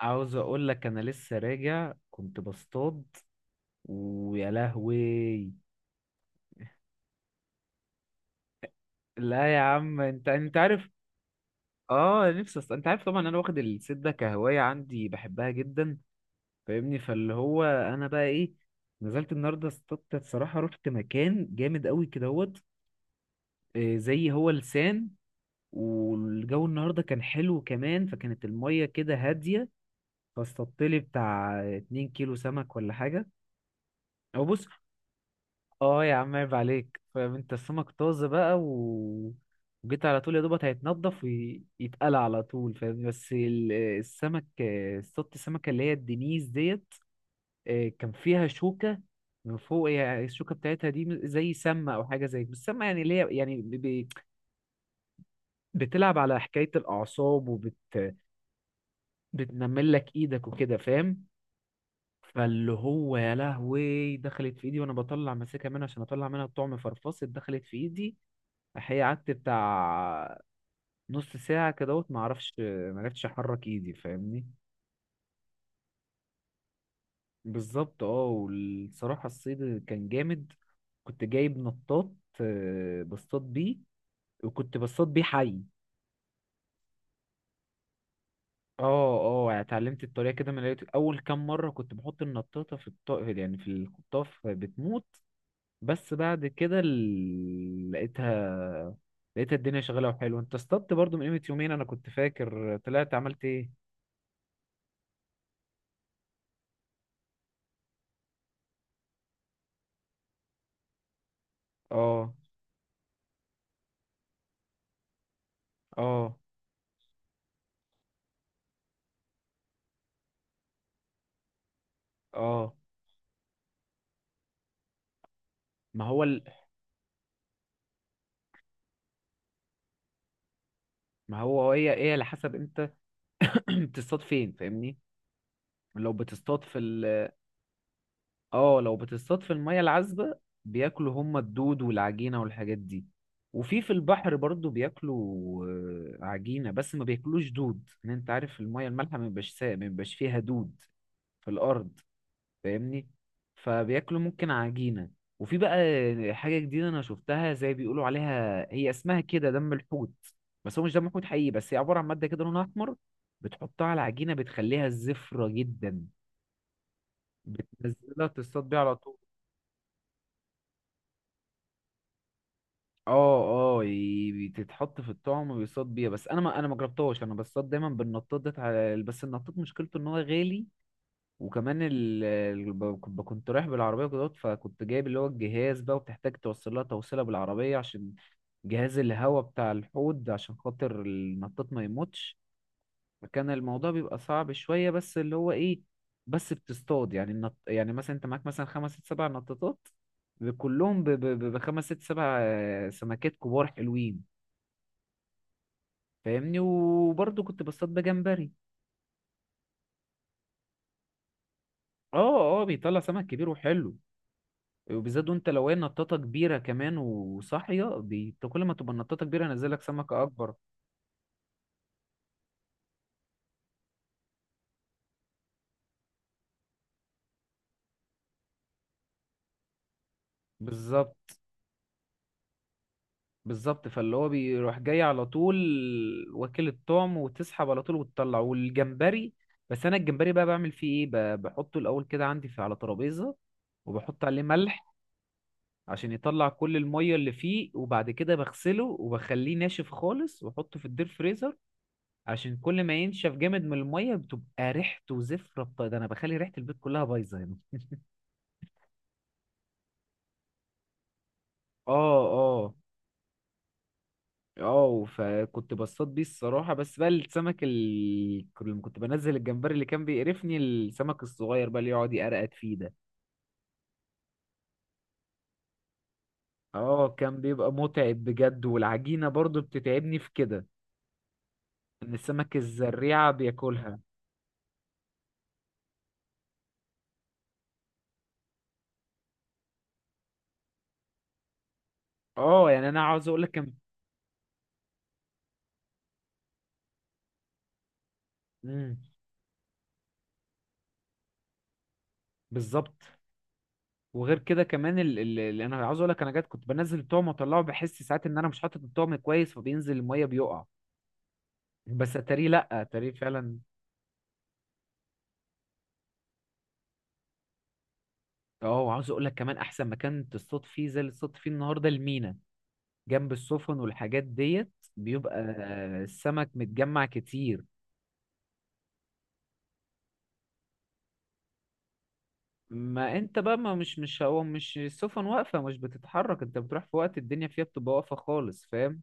عاوز اقول لك انا لسه راجع كنت بصطاد. ويا لهوي! لا يا عم، انت عارف. اه نفسي انت عارف طبعا، انا واخد الصيد ده كهوايه عندي بحبها جدا، فاهمني؟ فاللي هو انا بقى ايه، نزلت النهارده اصطدت الصراحه، رحت مكان جامد قوي كدهوت، زي هو لسان. والجو النهارده كان حلو كمان، فكانت الميه كده هاديه، فاصطدت لي بتاع 2 كيلو سمك ولا حاجه. او بص، اه يا عم عيب عليك، فانت السمك طازه بقى وجيت على طول يا دوبك، هيتنضف ويتقلى على طول فاهم، بس السمك اصطدت السمكه اللي هي الدنيس ديت، كان فيها شوكه من فوق. يعني الشوكه بتاعتها دي زي سمه او حاجه زي، بس سمه يعني اللي هي يعني بتلعب على حكايه الاعصاب بتنمل لك ايدك وكده، فاهم؟ فاللي هو يا لهوي دخلت في ايدي وانا بطلع ماسكها منها عشان اطلع منها الطعم فرفصت دخلت في ايدي. هي قعدت بتاع نص ساعة كدهوت، معرفش معرفتش أحرك إيدي فاهمني. بالظبط. اه والصراحة الصيد كان جامد، كنت جايب نطاط، بصطاد بيه، وكنت بصطاد بيه حي. اه. اه يعني اتعلمت الطريقة كده، من لقيت أول كام مرة كنت بحط النطاطة في يعني في الخطاف بتموت، بس بعد كده لقيتها، الدنيا شغالة وحلوة. انت اصطدت برضو من قيمة يومين، أنا كنت فاكر طلعت عملت ايه؟ اه اه اه. ما هو ال... ما هو هي ايه على حسب انت، بتصطاد فين فاهمني. لو بتصطاد اه لو بتصطاد في الميه العذبه، بياكلوا هم الدود والعجينه والحاجات دي. وفي في البحر برضو بياكلوا عجينه، بس ما بياكلوش دود. ان انت عارف الميه المالحه ما بيبقاش ما بيبقاش فيها دود في الارض، فاهمني؟ فبياكلوا ممكن عجينة. وفي بقى حاجة جديدة أنا شفتها، زي بيقولوا عليها، هي اسمها كده دم الحوت. بس هو مش دم حوت حقيقي، بس هي عبارة عن مادة كده لونها أحمر، بتحطها على عجينة بتخليها زفرة جدا. بتنزلها تصطاد بيها على طول. اه اه بتتحط في الطعم وبيصطاد بيها. بس انا ما جربتهاش، انا بصطاد دايما بالنطاط ده. بس النطاط مشكلته ان هو غالي، وكمان كنت رايح بالعربية كده، فكنت جايب اللي هو الجهاز بقى، وبتحتاج توصل لها توصيلة بالعربية عشان جهاز الهواء بتاع الحوض عشان خاطر النطاط ما يموتش. فكان الموضوع بيبقى صعب شوية، بس اللي هو ايه، بس بتصطاد. يعني يعني مثلا انت معاك مثلا خمس ست سبع نطاطات، كلهم بخمس ست سبع سمكات كبار حلوين، فاهمني. وبرضه كنت بصطاد بجمبري. اه اه بيطلع سمك كبير وحلو. وبالذات وانت لو هي نطاطه كبيره كمان وصاحيه انت كل ما تبقى النطاطه كبيره نزلك سمكه اكبر. بالظبط، بالظبط، فاللي هو بيروح جاي على طول واكل الطعم، وتسحب على طول وتطلع. والجمبري، بس انا الجمبري بقى بعمل فيه ايه، بحطه الاول كده عندي في على ترابيزه، وبحط عليه ملح عشان يطلع كل الميه اللي فيه، وبعد كده بغسله وبخليه ناشف خالص واحطه في الدير فريزر، عشان كل ما ينشف جامد من الميه، بتبقى ريحته زفره، ده انا بخلي ريحه البيت كلها بايظه هنا. اه اه اه. فكنت بصطاد بيه الصراحة، بس بقى السمك لما كنت بنزل الجمبري، اللي كان بيقرفني السمك الصغير بقى اللي يقعد يقرقد فيه ده. اه كان بيبقى متعب بجد. والعجينة برضو بتتعبني في كده، ان السمك الزريعة بياكلها. اه يعني انا عاوز اقول لك مم، بالظبط. وغير كده كمان اللي انا عاوز اقول لك، انا جات كنت بنزل الطعم واطلعه، بحس ساعات ان انا مش حاطط الطعم كويس فبينزل المية بيقع، بس اتاريه لا، اتاريه فعلا. اه وعاوز اقول لك كمان احسن مكان تصطاد فيه زي اللي تصطاد فيه النهارده المينا، جنب السفن والحاجات ديت، بيبقى السمك متجمع كتير. ما انت بقى ما مش مش هو مش السفن واقفه، مش بتتحرك. انت بتروح في وقت الدنيا فيها بتبقى واقفه خالص، فاهم.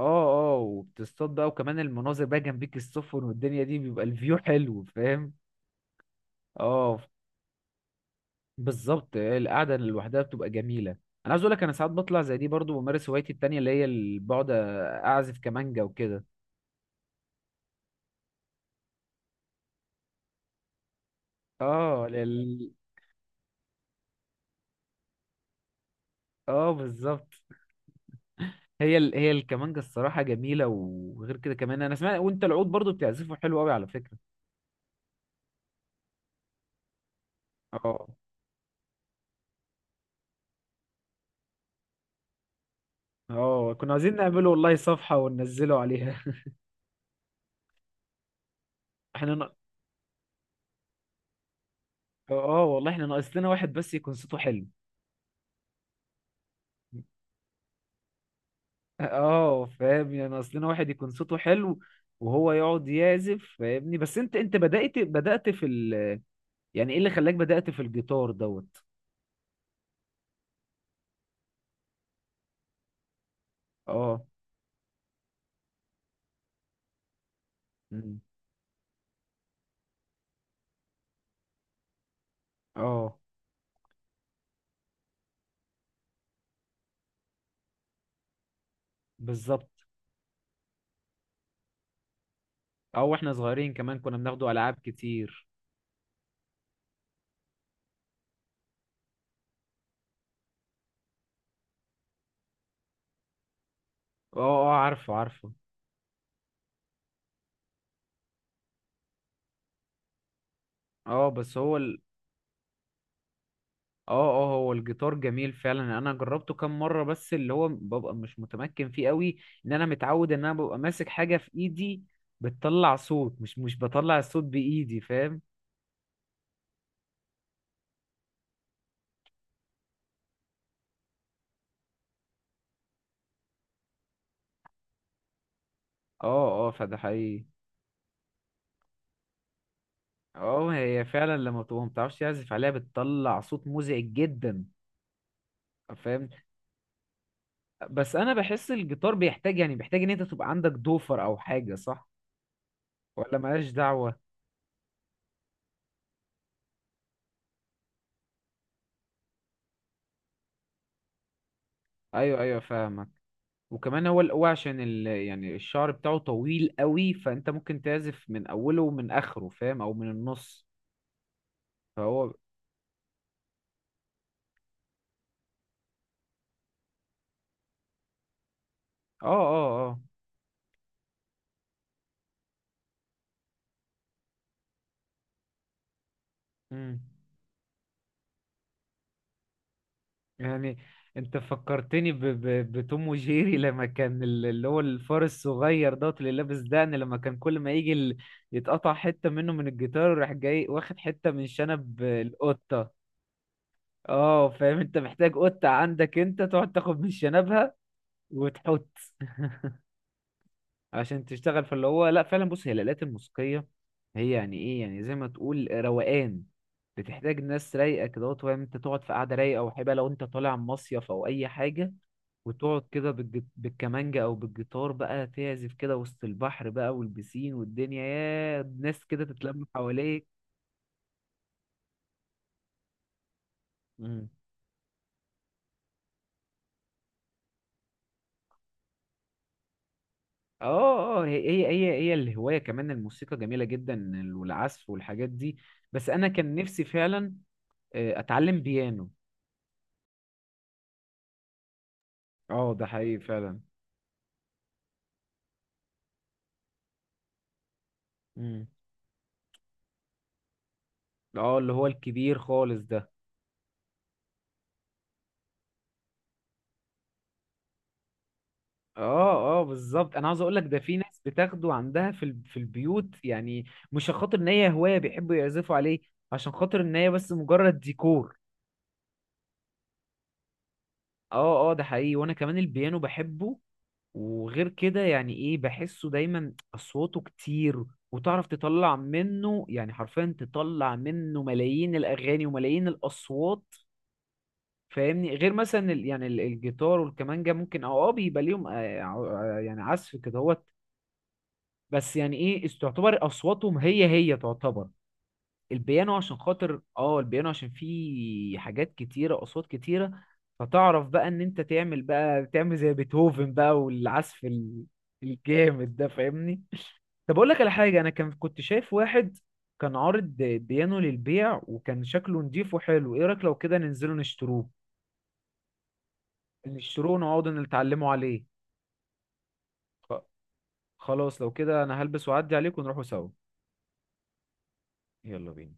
اه اه. وبتصطاد بقى، وكمان المناظر بقى جنبيك السفن والدنيا دي بيبقى الفيو حلو، فاهم؟ اه بالظبط القعده لوحدها بتبقى جميله. انا عايز اقول لك انا ساعات بطلع زي دي برضو بمارس هوايتي التانية اللي هي بقعد اعزف كمانجا وكده. اه اه بالظبط. هي الكمانجة الصراحة جميلة، وغير كده كمان انا سمعت وانت العود برضو بتعزفه حلو قوي على فكرة. اه اه كنا عايزين نعمله والله صفحة وننزله عليها. احنا ن... اه والله احنا ناقص لنا واحد بس يكون صوته حلو. اه فاهم، يعني ناقص لنا واحد يكون صوته حلو وهو يقعد يعزف، فاهمني؟ بس انت بدأت يعني ايه اللي خلاك بدأت في الجيتار دوت؟ اه. مم. اه بالظبط. اه واحنا صغيرين كمان كنا بناخده العاب كتير. اه اه، عارفه عارفه. اه اه اه هو الجيتار جميل فعلا، انا جربته كام مره، بس اللي هو ببقى مش متمكن فيه قوي، ان انا متعود ان انا ببقى ماسك حاجه في ايدي بتطلع صوت، مش بطلع الصوت بايدي، فاهم؟ اه اه فده حقيقي. اه هي فعلا لما بتبقى متعرفش تعزف عليها بتطلع صوت مزعج جدا، فاهم. بس انا بحس الجيتار بيحتاج، يعني بيحتاج ان انت تبقى عندك دوفر او حاجه، صح ولا ملهاش دعوه؟ ايوه، ايوه فاهمك. وكمان هو هو عشان يعني الشعر بتاعه طويل قوي، فانت ممكن تعزف من اوله ومن اخره فاهم، او من النص. فهو اه اه اه. مم. يعني انت فكرتني بتوم وجيري. لما كان اللي هو الفار الصغير دوت اللي لابس دقن، لما كان كل ما يجي يتقطع حتة منه من الجيتار، راح جاي واخد حتة من شنب القطة. اه فاهم، انت محتاج قطة عندك انت تقعد تاخد من شنبها وتحط. عشان تشتغل. فاللي هو لا فعلا بص، هي الآلات الموسيقية، هي يعني ايه يعني زي ما تقول روقان، بتحتاج ناس رايقة كده، وتقعد انت تقعد في قعدة رايقة وحبة، لو انت طالع مصيف او اي حاجة، وتقعد كده بالكمانجة او بالجيتار بقى تعزف كده وسط البحر بقى والبسين والدنيا يا ناس كده تتلم حواليك. مم. اه اه هي الهواية كمان الموسيقى جميلة جدا والعزف والحاجات دي. بس انا كان نفسي فعلا اتعلم بيانو. اه ده حقيقي فعلا. امم اه اللي هو الكبير خالص ده. اه اه بالظبط. انا عاوز اقول لك ده في ناس بتاخده عندها في البيوت يعني، مش عشان خاطر ان هي هوايه بيحبوا يعزفوا عليه، عشان خاطر ان هي بس مجرد ديكور. اه اه ده حقيقي، وانا كمان البيانو بحبه. وغير كده يعني ايه بحسه دايما اصواته كتير، وتعرف تطلع منه يعني حرفيا تطلع منه ملايين الاغاني وملايين الاصوات، فاهمني. غير مثلا الجيتار والكمانجا ممكن اه اه بيبقى ليهم يعني عزف كده هوت. بس يعني ايه تعتبر اصواتهم هي تعتبر. البيانو عشان خاطر اه، البيانو عشان فيه حاجات كتيرة اصوات كتيرة، فتعرف بقى ان انت تعمل بقى تعمل زي بيتهوفن بقى، والعزف الجامد ده فاهمني. طب اقول لك على حاجة، انا كان كنت شايف واحد كان عارض بيانو للبيع وكان شكله نضيف وحلو، ايه رأيك لو كده ننزله نشتروه، نشتروه ونقعدوا نتعلموا عليه. خ- خلاص لو كده انا هلبس واعدي عليك ونروحوا سوا. يلا بينا.